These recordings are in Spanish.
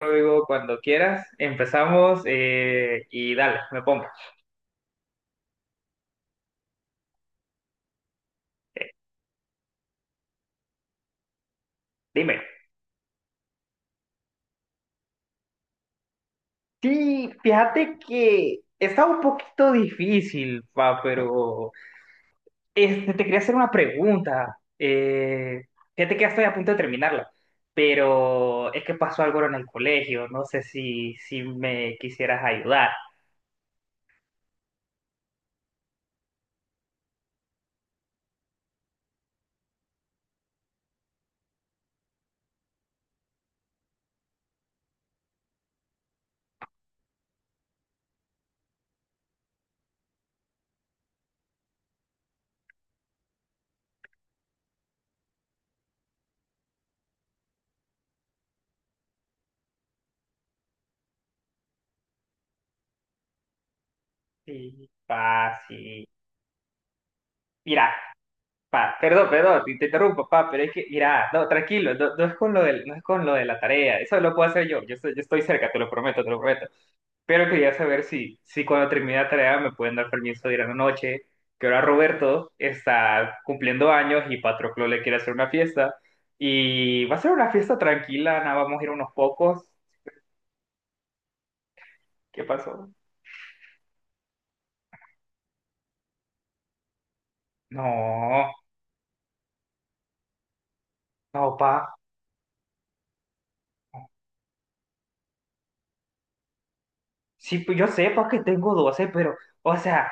Luego, cuando quieras, empezamos y dale, me pongo. Dime. Sí, fíjate que está un poquito difícil, pa, pero este, te quería hacer una pregunta. Fíjate que ya estoy a punto de terminarla, pero es que pasó algo en el colegio. No sé si me quisieras ayudar. Sí, pa, sí. Mira, pa, perdón, perdón, te interrumpo, pa, pero es que, mira, no, tranquilo, no, no es con no es con lo de la tarea, eso lo puedo hacer yo, yo estoy cerca, te lo prometo, te lo prometo. Pero quería saber si cuando termine la tarea me pueden dar permiso de ir a la noche, que ahora Roberto está cumpliendo años y Patroclo le quiere hacer una fiesta, y va a ser una fiesta tranquila, nada, vamos a ir unos pocos. ¿Qué pasó? No, no, pa. Sí, pues yo sé porque tengo 12 pero, o sea,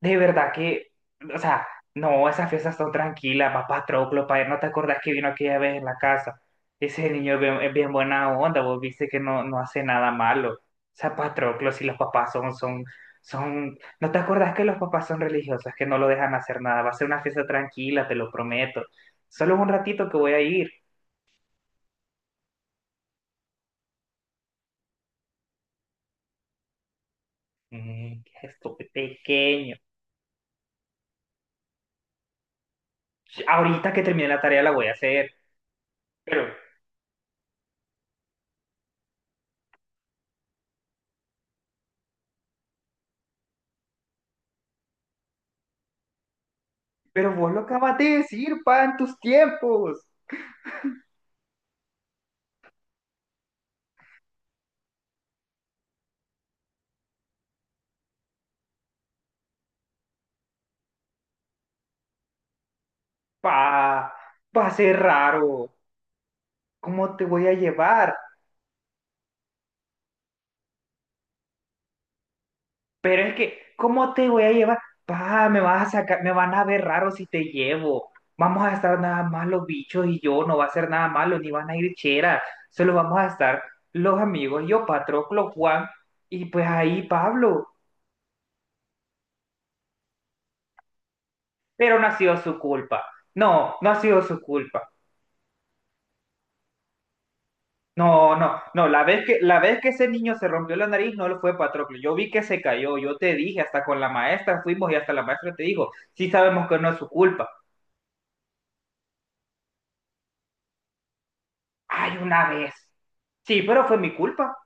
de verdad que, o sea, no, esas fiestas son tranquilas, papá Troclo para, ¿no te acordás que vino aquella vez en la casa? Ese niño es bien buena onda, vos viste que no, no hace nada malo. O sea, Patroclo, si los papás son, ¿no te acordás que los papás son religiosos, que no lo dejan hacer nada? Va a ser una fiesta tranquila, te lo prometo. Solo es un ratito que voy a ir. Mm, qué gesto pequeño. Ahorita que termine la tarea la voy a hacer, pero... Pero vos lo acabas de decir, pa, en tus tiempos. Pa, va a ser raro. ¿Cómo te voy a llevar? Pero es que, ¿cómo te voy a llevar? Pa, me vas a sacar, me van a ver raro si te llevo. Vamos a estar nada más los bichos y yo, no va a ser nada malo, ni van a ir cheras. Solo vamos a estar los amigos, yo, Patroclo, Juan y pues ahí Pablo. Pero no ha sido su culpa. No, no ha sido su culpa. No, no, no, la vez que ese niño se rompió la nariz no lo fue Patroclo, yo vi que se cayó, yo te dije, hasta con la maestra fuimos y hasta la maestra te dijo, sí sabemos que no es su culpa. Ay, una vez. Sí, pero fue mi culpa.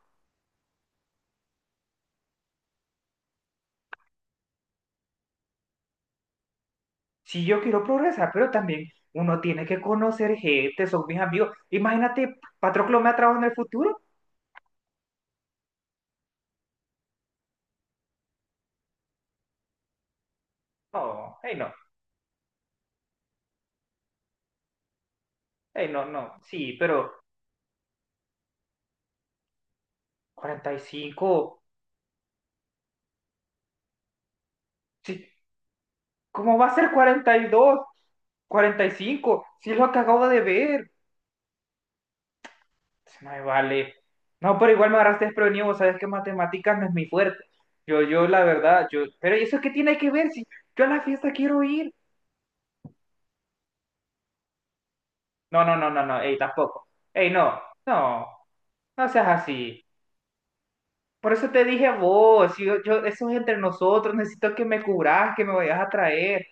Sí, yo quiero progresar, pero también uno tiene que conocer gente, son mis amigos. Imagínate, Patroclo me ha trabajado en el futuro. No, hey, no, hey, no, no. Sí, pero 45. Sí, ¿cómo va a ser 42? 45, si es lo que acabo de ver. No me vale. No, pero igual me agarraste desprevenido, vos sabés que matemáticas no es mi fuerte. La verdad, yo, pero ¿eso qué tiene que ver si yo a la fiesta quiero ir? No, no, no, no, no, ey, tampoco. Ey, no, no, no seas así. Por eso te dije a vos, eso es entre nosotros, necesito que me cubras, que me vayas a traer.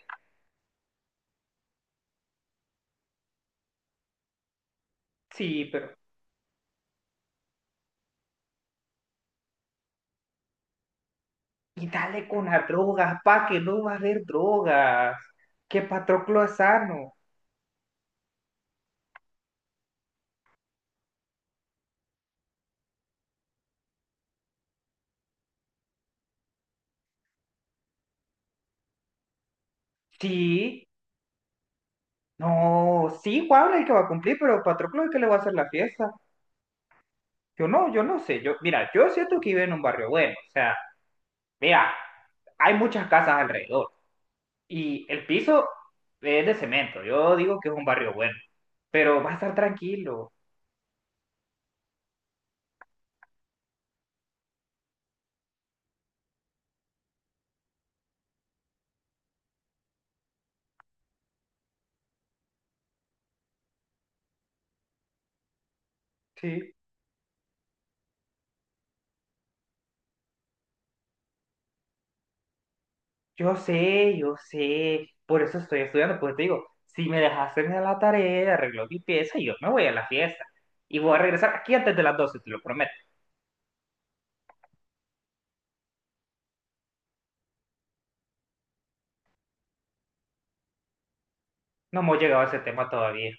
Sí, pero, y dale con las drogas, pa, que no va a haber drogas. Que Patroclo es sano. Sí, no, sí, Pablo es el que va a cumplir, pero Patroclo es el que le va a hacer la fiesta. Yo no sé. Yo, mira, yo siento que vive en un barrio bueno. O sea, mira, hay muchas casas alrededor. Y el piso es de cemento. Yo digo que es un barrio bueno. Pero va a estar tranquilo. Sí. Yo sé, yo sé. Por eso estoy estudiando. Porque te digo, si me dejas hacerme la tarea arreglo mi pieza, yo me voy a la fiesta. Y voy a regresar aquí antes de las 12, te lo prometo. No hemos llegado a ese tema todavía.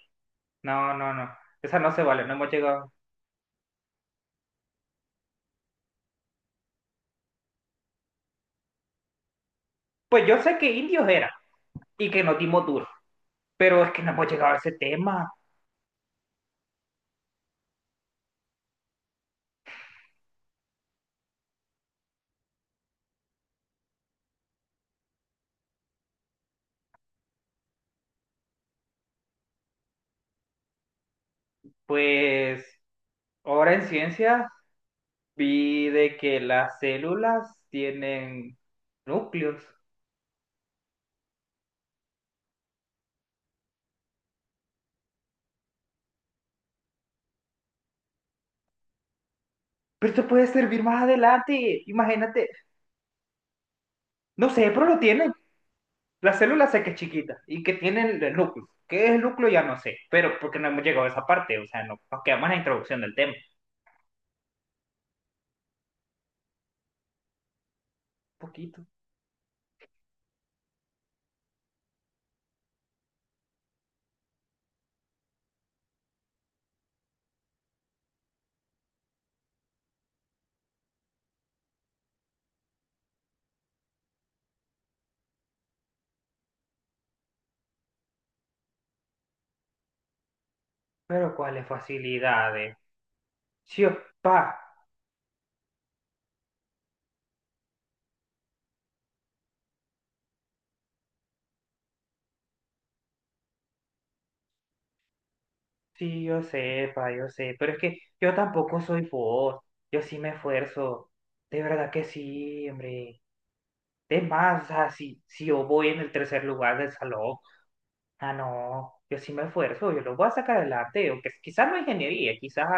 No, no, no. Esa no se vale, no hemos llegado. Pues yo sé que indios era y que nos dimos duro, pero es que no hemos llegado a ese tema. Pues ahora en ciencias vi de que las células tienen núcleos. Pero esto puede servir más adelante, imagínate. No sé, pero lo tienen. Las células sé que es chiquita y que tienen el núcleo. ¿Qué es el núcleo? Ya no sé, pero porque no hemos llegado a esa parte, o sea, no, nos quedamos en la introducción del tema. Un poquito. Pero ¿cuáles facilidades? Chio, pa, sí, yo sé, pa, yo sé, pero es que yo tampoco soy vos, yo sí me esfuerzo, de verdad que sí, hombre. Es más, o sea, si yo voy en el tercer lugar del salón, ah, no, yo sí me esfuerzo, yo lo voy a sacar adelante, o que quizás no ingeniería, quizás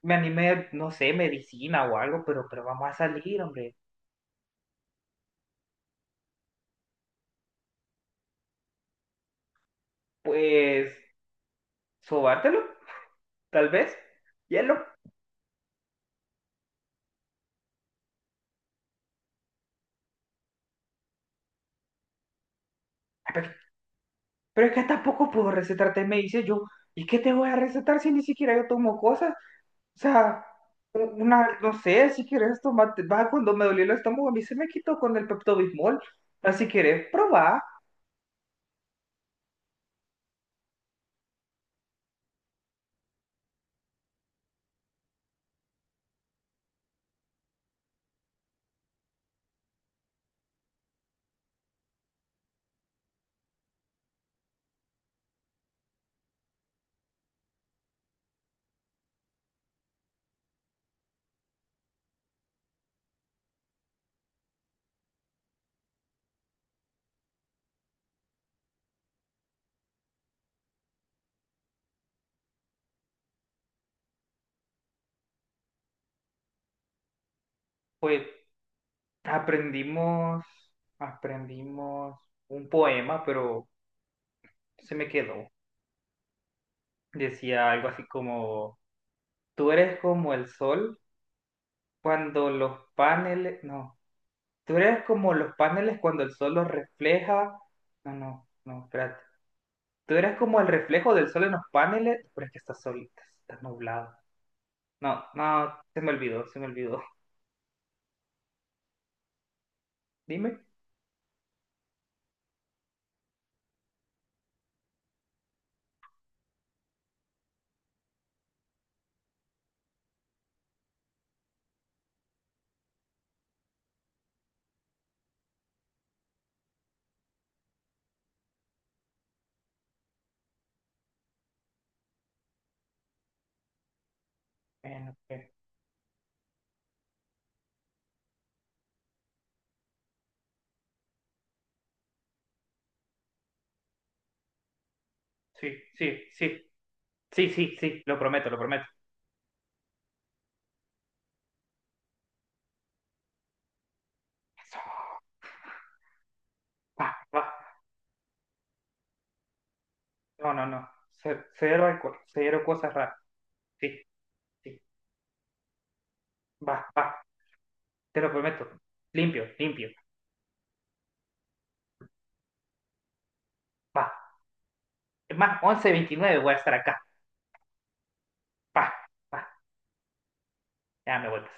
me anime, no sé, medicina o algo, pero vamos a salir, hombre. Pues, sobártelo, tal vez, hielo. Ah, pero es que tampoco puedo recetarte medicina, yo, ¿y qué te voy a recetar si ni siquiera yo tomo cosas? O sea, una, no sé, si quieres tomate, va, cuando me dolió el estómago, a mí se me quitó con el Pepto-Bismol. Ah, si quieres probar, pues aprendimos, aprendimos un poema, pero se me quedó. Decía algo así como, tú eres como el sol cuando los paneles, no, tú eres como los paneles cuando el sol los refleja. No, no, no, espérate. Tú eres como el reflejo del sol en los paneles, pero es que está solita, está nublado. No, no, se me olvidó, se me olvidó. Dime. Bueno, pues, sí, sí, sí. Sí, sí, sí, lo prometo, lo prometo. Eso, va, va. No, no, no. Cero alcohol, cero cosas raras. Sí, sí, va, va. Te lo prometo. Limpio, limpio. Va. Es más, once veintinueve voy a estar acá. Va, va. Ya me vueltas.